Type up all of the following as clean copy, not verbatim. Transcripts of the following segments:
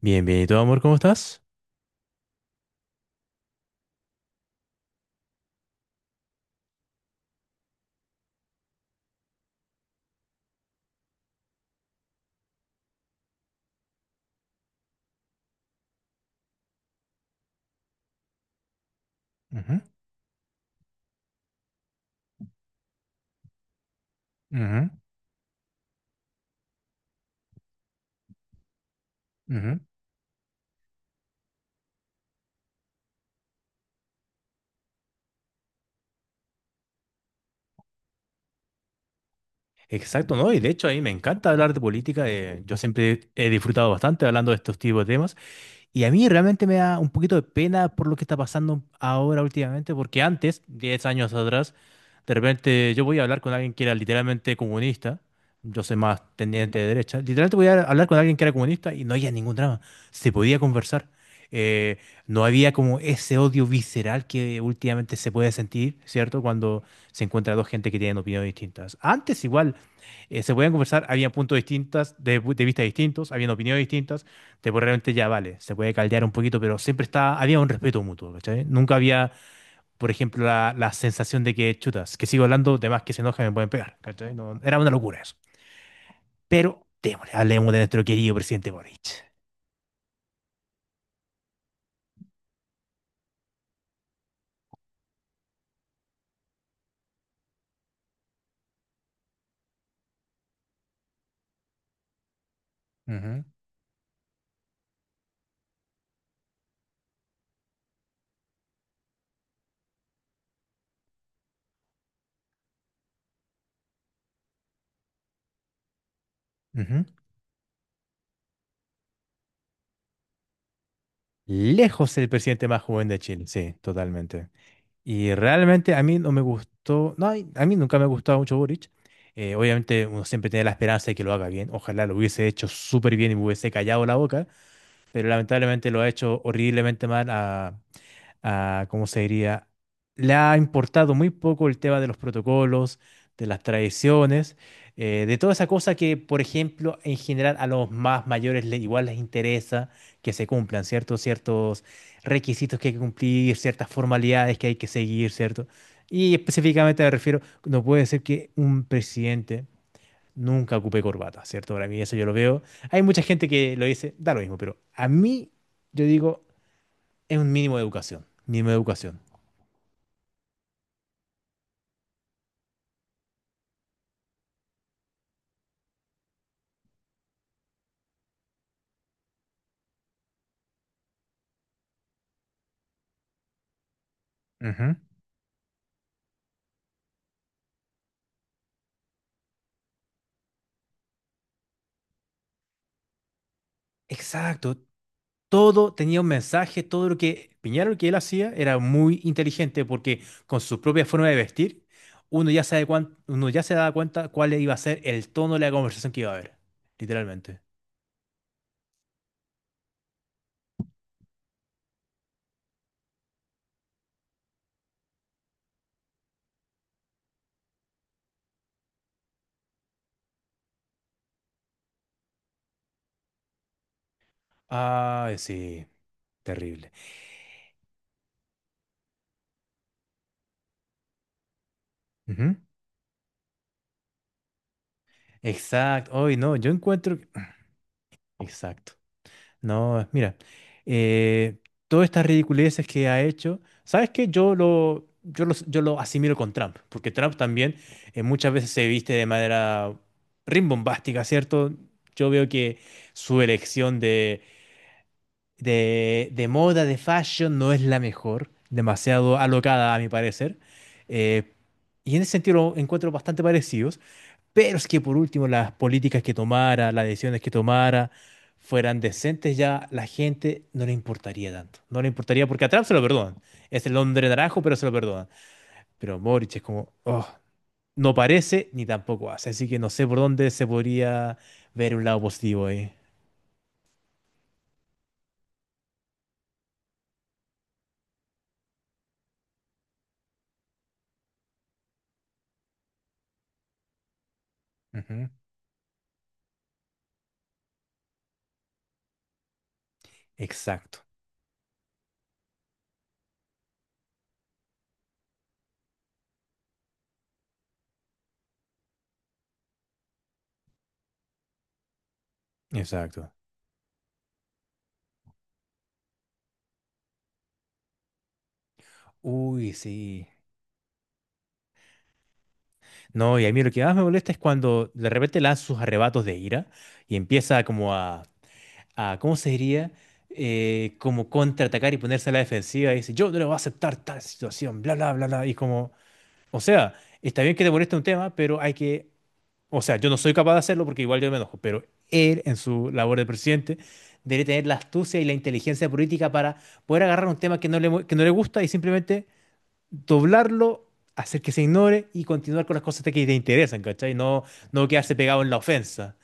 Bien, bien, ¿y tú, amor, cómo estás? Ujú, ujú, ujú. Exacto, ¿no? Y de hecho, a mí me encanta hablar de política. Yo siempre he disfrutado bastante hablando de estos tipos de temas. Y a mí realmente me da un poquito de pena por lo que está pasando ahora últimamente, porque antes, 10 años atrás, de repente yo voy a hablar con alguien que era literalmente comunista, yo soy más tendiente de derecha, literalmente voy a hablar con alguien que era comunista y no había ningún drama, se podía conversar. Eh, no había como ese odio visceral que últimamente se puede sentir, ¿cierto? Cuando se encuentra dos gente que tienen opiniones distintas. Antes igual se podían conversar, había puntos distintos, de vista distintos, habían opiniones distintas, te puede realmente ya vale, se puede caldear un poquito, pero siempre está, había un respeto mutuo, ¿cachai? Nunca había, por ejemplo, la sensación de que chutas, que sigo hablando, de más que se enoja me pueden pegar, ¿cachai? No, era una locura eso. Pero, démosle, hablemos de nuestro querido presidente Boric. Ujú. Ujú. Lejos el presidente más joven de Chile, sí, totalmente. Y realmente a mí no me gustó, no, ay, a mí nunca me ha gustado mucho Boric. Obviamente uno siempre tiene la esperanza de que lo haga bien. Ojalá lo hubiese hecho súper bien y me hubiese callado la boca. Pero lamentablemente lo ha hecho horriblemente mal a, ¿cómo se diría? Le ha importado muy poco el tema de los protocolos, de las tradiciones, de toda esa cosa que, por ejemplo, en general a los más mayores le- igual les interesa que se cumplan, ¿cierto? Ciertos requisitos que hay que cumplir, ciertas formalidades que hay que seguir, ¿cierto? Y específicamente me refiero, no puede ser que un presidente nunca ocupé corbata, ¿cierto? Para mí eso yo lo veo. Hay mucha gente que lo dice, da lo mismo, pero a mí yo digo, es un mínimo de educación, mínimo de educación. Ujú. Exacto, todo tenía un mensaje, todo lo que Piñera, lo que él hacía, era muy inteligente porque con su propia forma de vestir, uno ya se da cuan- uno ya se daba cuenta cuál iba a ser el tono de la conversación que iba a haber, literalmente. Ay, sí, terrible. Ujú. Exacto, hoy no, yo encuentro... Exacto. No, mira, eh, todas estas ridiculeces que ha hecho, ¿sabes qué? Yo lo asimilo con Trump, porque Trump también muchas veces se viste de manera rimbombástica, ¿cierto? Yo veo que su elección de moda, de fashion, no es la mejor, demasiado alocada a mi parecer. eh, y en ese sentido lo encuentro bastante parecido. Pero es que por último las políticas que tomara, las decisiones que tomara, fueran decentes, ya la gente no le importaría tanto. No le importaría porque a Trump se lo perdonan. Es el hombre naranjo, pero se lo perdonan. Pero Boric es como, oh, no parece ni tampoco hace. Así que no sé por dónde se podría ver un lado positivo ahí. Ujú. Exacto, exacto. Uy, sí. No, y a mí lo que más me molesta es cuando de repente lanza sus arrebatos de ira y empieza como a ¿cómo se diría? Como contraatacar y ponerse a la defensiva y decir yo no le voy a aceptar tal situación, bla, bla, bla, bla. Y como, o sea, está bien que te moleste un tema, pero hay que, o sea, yo no soy capaz de hacerlo porque igual yo me enojo, pero él en su labor de presidente debe tener la astucia y la inteligencia política para poder agarrar un tema que que no le gusta y simplemente doblarlo. Hacer que se ignore y continuar con las cosas que te interesan, ¿cachai? No, no quedarse pegado en la ofensa.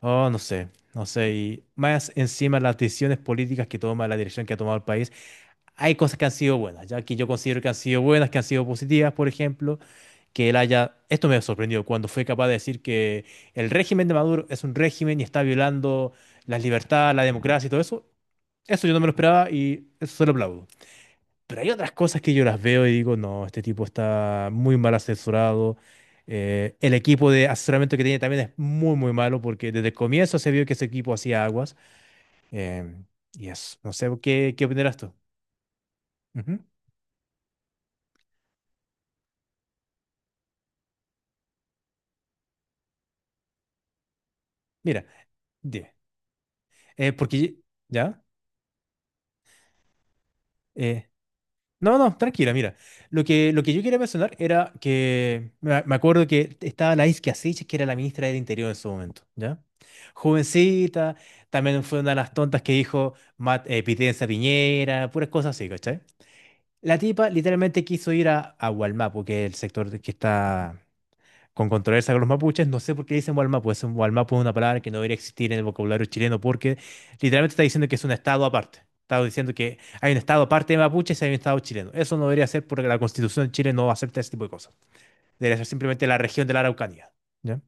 Oh, no sé, no sé. Y más encima las decisiones políticas que toma, la dirección que ha tomado el país, hay cosas que han sido buenas, ya que yo considero que han sido buenas, que han sido positivas, por ejemplo, que él haya, esto me ha sorprendido, cuando fue capaz de decir que el régimen de Maduro es un régimen y está violando las libertades, la democracia y todo eso, eso yo no me lo esperaba y eso se lo aplaudo. Pero hay otras cosas que yo las veo y digo, no, este tipo está muy mal asesorado. El equipo de asesoramiento que tiene también es muy, muy malo porque desde el comienzo se vio que ese equipo hacía aguas. Em, y eso, no sé, ¿qué, qué opinarás tú? Ujú. Mira, dime. Porque, ¿ya? Eh, No, no, tranquila, mira. Lo que yo quería mencionar era que me acuerdo que estaba la Iskia Siches, que era la ministra del Interior en su momento, ¿ya? Jovencita, también fue una de las tontas que dijo Pitencia Piñera, puras cosas así, ¿cachai? La tipa literalmente quiso ir a, Gualmapu, que es el sector que está con controversia con los mapuches. No sé por qué le dicen Gualmapu. Es un, Gualmapu es una palabra que no debería existir en el vocabulario chileno porque literalmente está diciendo que es un estado aparte. Está diciendo que hay un estado aparte de mapuches y hay un estado chileno. Eso no debería ser porque la constitución de Chile no acepta ese tipo de cosas. Debería ser simplemente la región de la Araucanía. ¿Ya?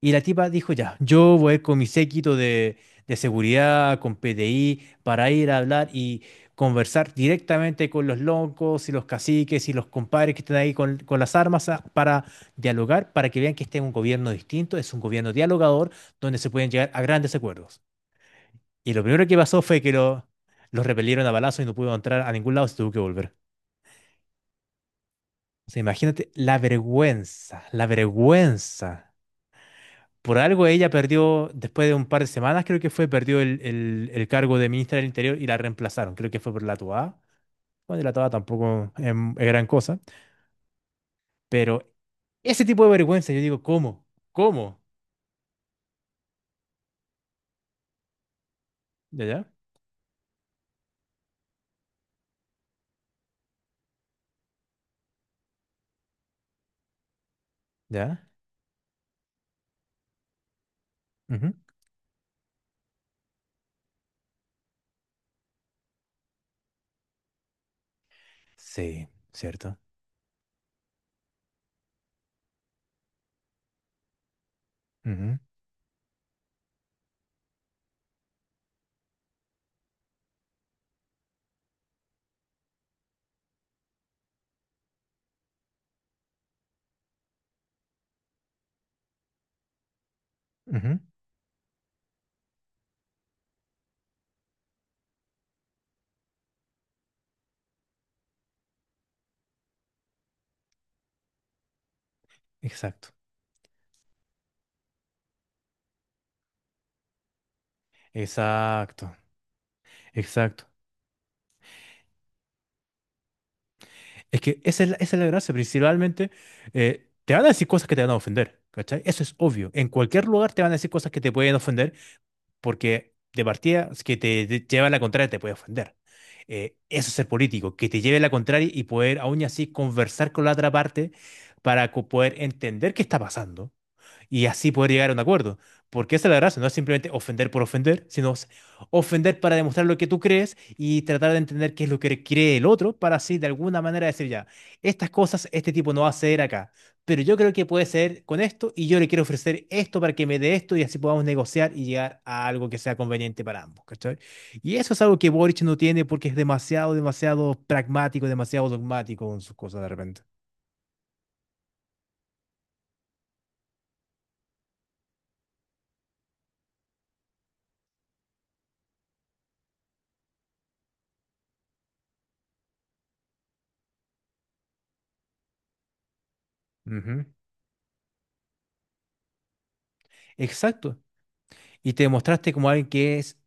Y la tipa dijo, ya, yo voy a ir con mi séquito de seguridad, con PDI, para ir a hablar y conversar directamente con los locos y los caciques y los compadres que están ahí con, las armas a- para dialogar, para que vean que este es un gobierno distinto, es un gobierno dialogador, donde se pueden llegar a grandes acuerdos. Y lo primero que pasó fue que los repelieron a balazo y no pudo entrar a ningún lado, se tuvo que volver. O sea, imagínate la vergüenza, la vergüenza. Por algo ella perdió, después de un par de semanas, creo que fue, perdió el cargo de ministra del Interior y la reemplazaron. Creo que fue por la Toa. Bueno, y la Toa tampoco es, gran cosa. Pero ese tipo de vergüenza, yo digo, ¿cómo? ¿Cómo? ¿Ya, ya? ¿Ya? Ujú. Sí, cierto. Ujú, ujú. Exacto. Exacto. Exacto. Es que esa es la gracia. Principalmente, te van a decir cosas que te van a ofender, ¿cachai? Eso es obvio. En cualquier lugar te van a decir cosas que te pueden ofender porque de partida, es que te lleva la contraria, te puede ofender. Eso es ser político, que te lleve la contraria y poder aún así conversar con la otra parte para poder entender qué está pasando y así poder llegar a un acuerdo. Porque esa es la gracia, no es simplemente ofender por ofender, sino ofender para demostrar lo que tú crees y tratar de entender qué es lo que cree el otro para así de alguna manera decir ya, estas cosas este tipo no va a ceder acá, pero yo creo que puede ceder con esto y yo le quiero ofrecer esto para que me dé esto y así podamos negociar y llegar a algo que sea conveniente para ambos, ¿cachai? Y eso es algo que Boric no tiene porque es demasiado, demasiado pragmático, demasiado dogmático con sus cosas de repente. Ujú. Exacto. Y te mostraste como alguien que es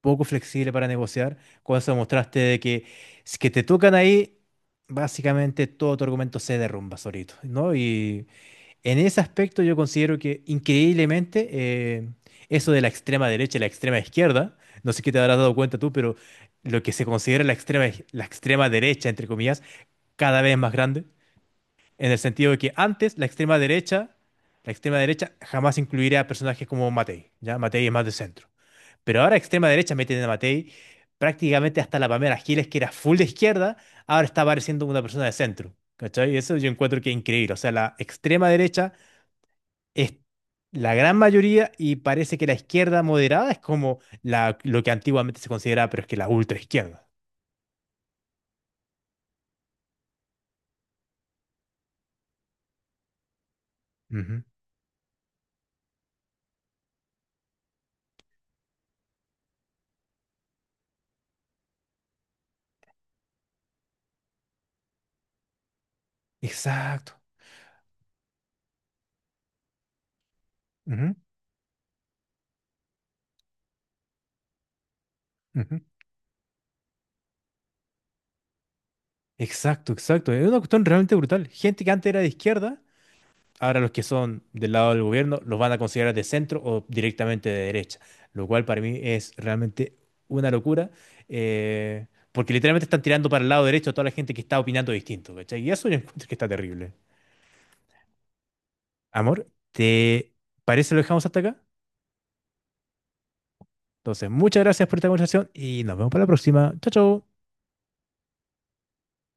poco flexible para negociar. Con eso demostraste de que si que te tocan ahí, básicamente todo tu argumento se derrumba solito, ¿no? Y en ese aspecto yo considero que increíblemente eso de la extrema derecha y la extrema izquierda, no sé qué te habrás dado cuenta tú, pero lo que se considera la extrema derecha, entre comillas, cada vez es más grande, en el sentido de que antes la extrema derecha jamás incluiría a personajes como Matei, ¿ya? Matei es más de centro. Pero ahora extrema derecha meten a Matei prácticamente hasta la Pamela Giles, que era full de izquierda, ahora está apareciendo una persona de centro. ¿Cachai? Eso yo encuentro que es increíble. O sea, la extrema derecha es la gran mayoría y parece que la izquierda moderada es como la, lo que antiguamente se consideraba, pero es que la ultra izquierda. Ujú. Exacto. Ujú, ujú. Exacto, exacto. Es una cuestión realmente brutal. Gente que antes era de izquierda. Ahora los que son del lado del gobierno los van a considerar de centro o directamente de derecha, lo cual para mí es realmente una locura, porque literalmente están tirando para el lado derecho a toda la gente que está opinando distinto, ¿cachai? Y eso yo encuentro que está terrible. Amor, ¿te parece lo dejamos hasta acá? Entonces, muchas gracias por esta conversación y nos vemos para la próxima. Chao, chao.